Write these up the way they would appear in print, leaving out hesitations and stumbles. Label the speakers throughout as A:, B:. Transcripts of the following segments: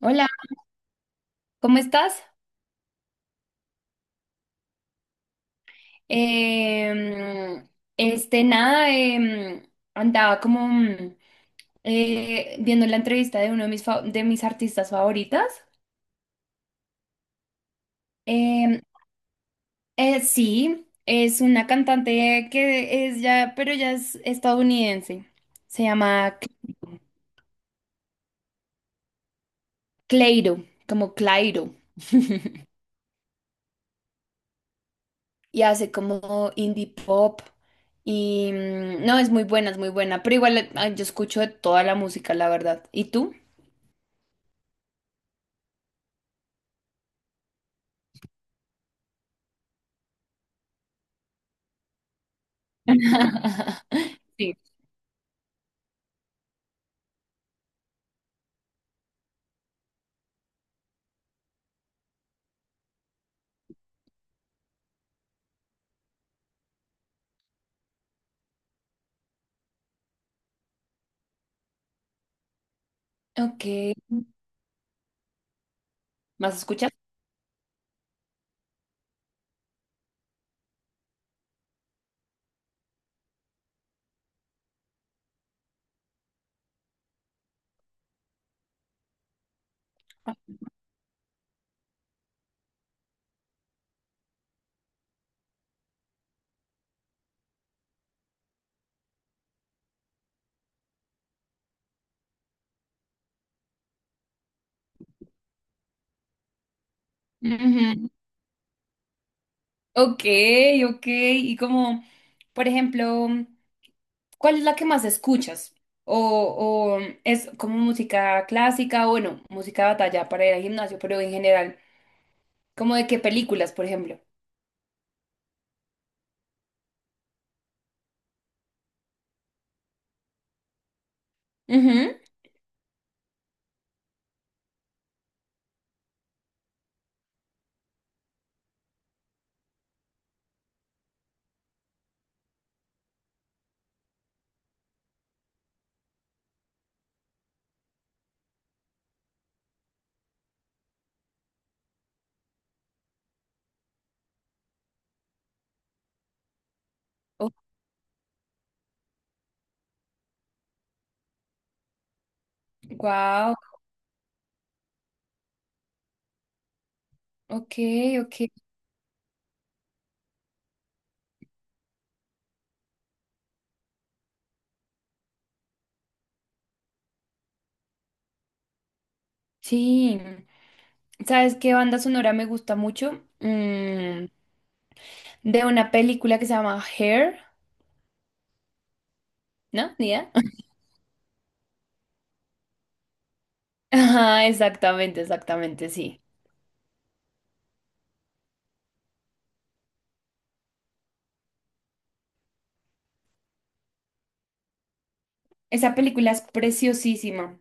A: Hola, ¿cómo estás? Em, nada, andaba como viendo la entrevista de uno de mis, de mis artistas favoritas. Em, sí, es una cantante que es ya, pero ya es estadounidense. Se llama Cleiro, como Clairo, y hace como indie pop. Y no, es muy buena, pero igual yo escucho de toda la música, la verdad. ¿Y tú? Sí. Ok. ¿Más escuchas? Ujú. Ok, ok. Y como, por ejemplo, ¿cuál es la que más escuchas? O, o es como música clásica, o bueno, música de batalla para ir al gimnasio, pero en general, como de qué películas, por ejemplo. Wow, ok, ok. Sí. ¿Sabes qué banda sonora me gusta mucho? Mm, de una película que se llama Hair, ¿no? ¿Ni idea? Ajá, exactamente, exactamente, sí. Esa película es preciosísima.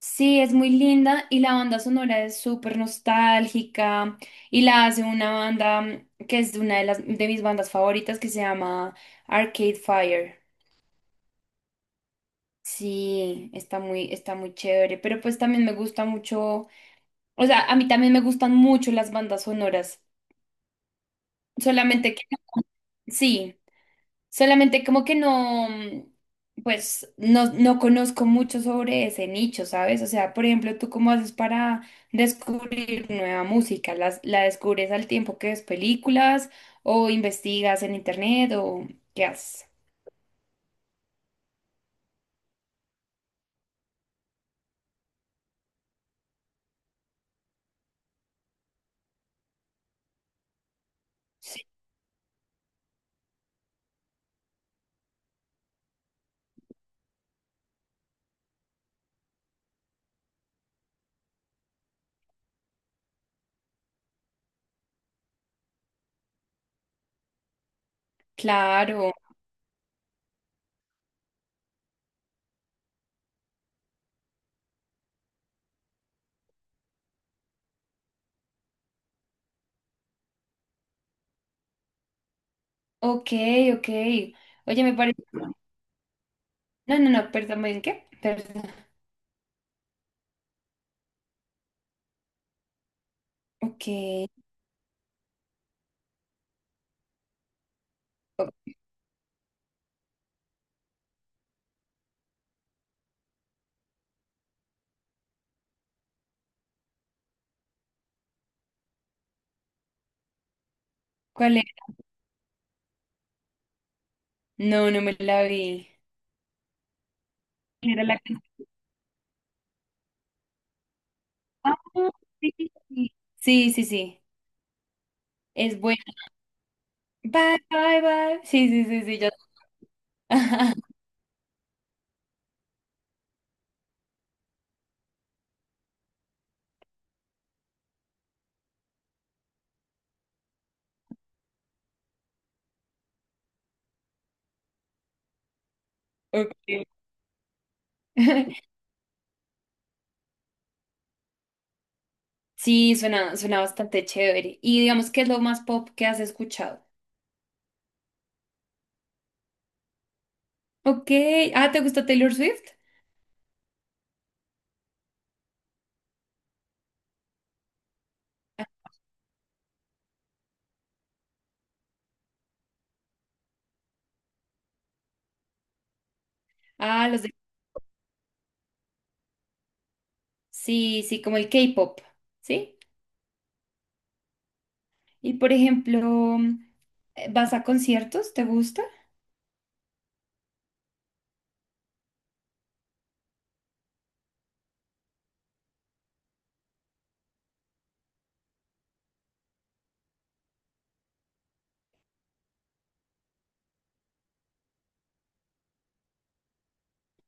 A: Sí, es muy linda y la banda sonora es súper nostálgica y la hace una banda que es de una de las de mis bandas favoritas que se llama Arcade Fire. Sí, está muy chévere, pero pues también me gusta mucho, o sea, a mí también me gustan mucho las bandas sonoras, solamente que sí. Solamente como que no, pues no, no conozco mucho sobre ese nicho, ¿sabes? O sea, por ejemplo, ¿tú cómo haces para descubrir nueva música? ¿La, descubres al tiempo que ves películas o investigas en internet o qué haces? Sí. Claro, ok, ok. Oye, me parece... No, no, no, perdón, ¿en qué? Perdón. Ok, ¿Cu- ¿cuál es? No, no me la vi. Era la que- Ah, sí, sí, sí, sí, sí, sí. Es bueno. Bye, bye, bye. Sí, sí, sí, sí, ya. Okay. Sí, suena, suena bastante chévere. Y digamos, ¿qué es lo más pop que has escuchado? Ok. Ah, ¿te gusta Taylor Swift? Ah, los de... Sí, sí, como el K-pop, ¿sí? Y por ejemplo, ¿vas a conciertos? ¿Te gusta?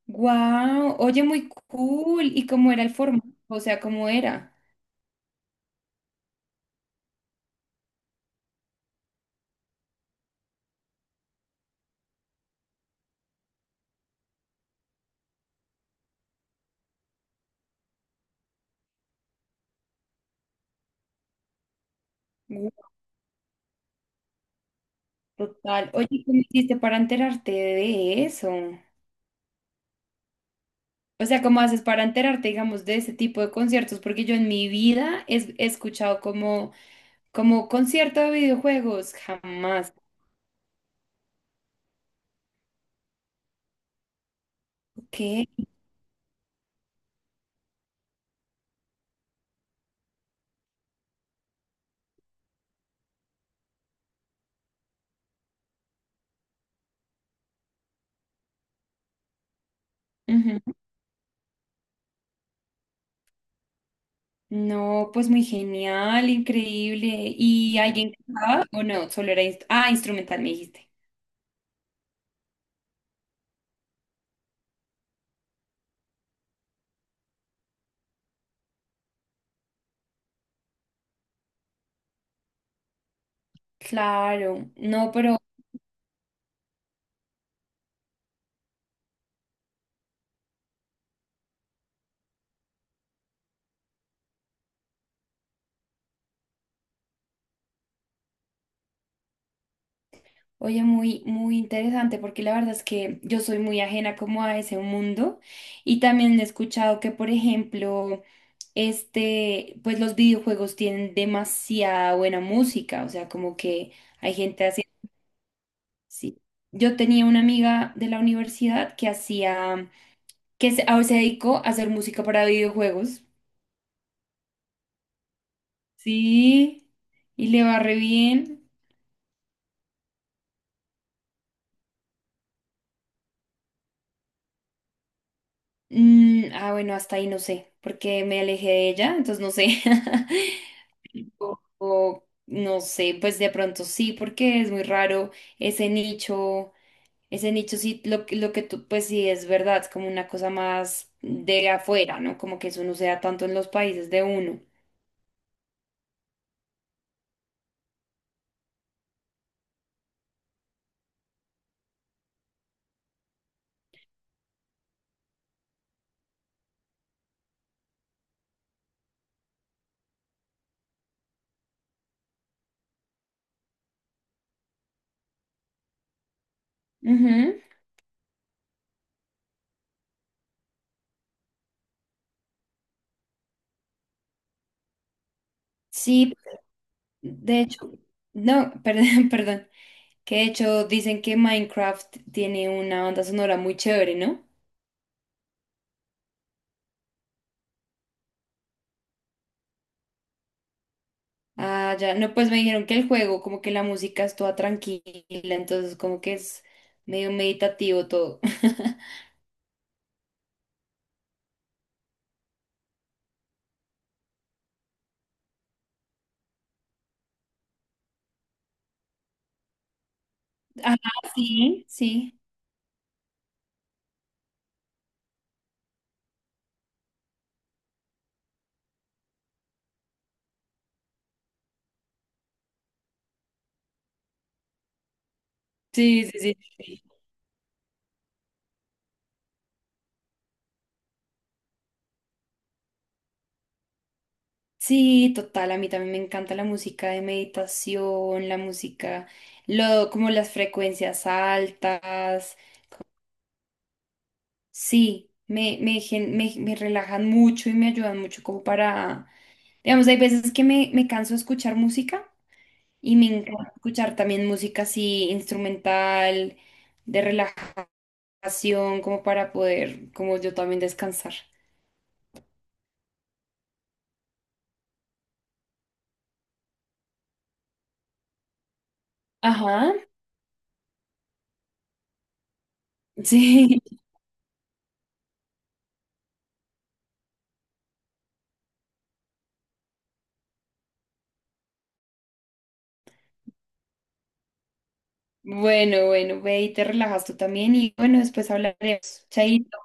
A: Wow, oye, muy cool. ¿Y cómo era el formato? O sea, ¿cómo era? Total. Oye, ¿cómo hiciste para enterarte de eso? O sea, ¿cómo haces para enterarte, digamos, de ese tipo de conciertos? Porque yo en mi vida he escuchado como, como concierto de videojuegos, jamás. ¿Qué? Ujú. No, pues muy genial, increíble. ¿Y alguien cantaba o no? Solo era, ah, instrumental, me dijiste. Claro, no, pero oye, muy, muy interesante porque la verdad es que yo soy muy ajena como a ese mundo y también he escuchado que, por ejemplo, este, pues los videojuegos tienen demasiada buena música, o sea, como que hay gente así. Sí. Yo tenía una amiga de la universidad que hacía, que se, ahora se dedicó a hacer música para videojuegos. Sí, y le va re bien. Bueno, hasta ahí no sé, porque me alejé de ella, entonces no sé. O, o no sé, pues de pronto sí, porque es muy raro ese nicho, ese nicho sí, lo, lo que tú, pues sí es verdad, es como una cosa más de afuera, ¿no? Como que eso no se da tanto en los países de uno. Ujú. Sí, de hecho, no, perdón, perdón, que de hecho dicen que Minecraft tiene una banda sonora muy chévere, ¿no? Ah, ya, no, pues me dijeron que el juego, como que la música es toda tranquila, entonces como que es medio meditativo todo. Ajá, sí, sí. Sí, sí, sí. Sí, sí, total, a mí también me encanta la música de meditación, la música, lo, como las frecuencias altas. Sí, me, me, me relajan mucho y me ayudan mucho como para, digamos, hay veces que me canso de escuchar música y me encanta escuchar también música así instrumental, de relajación, como para poder, como yo también descansar. Ajá, sí. Bueno, bueno, ve y te relajas tú también y bueno, después hablaremos. Chaito.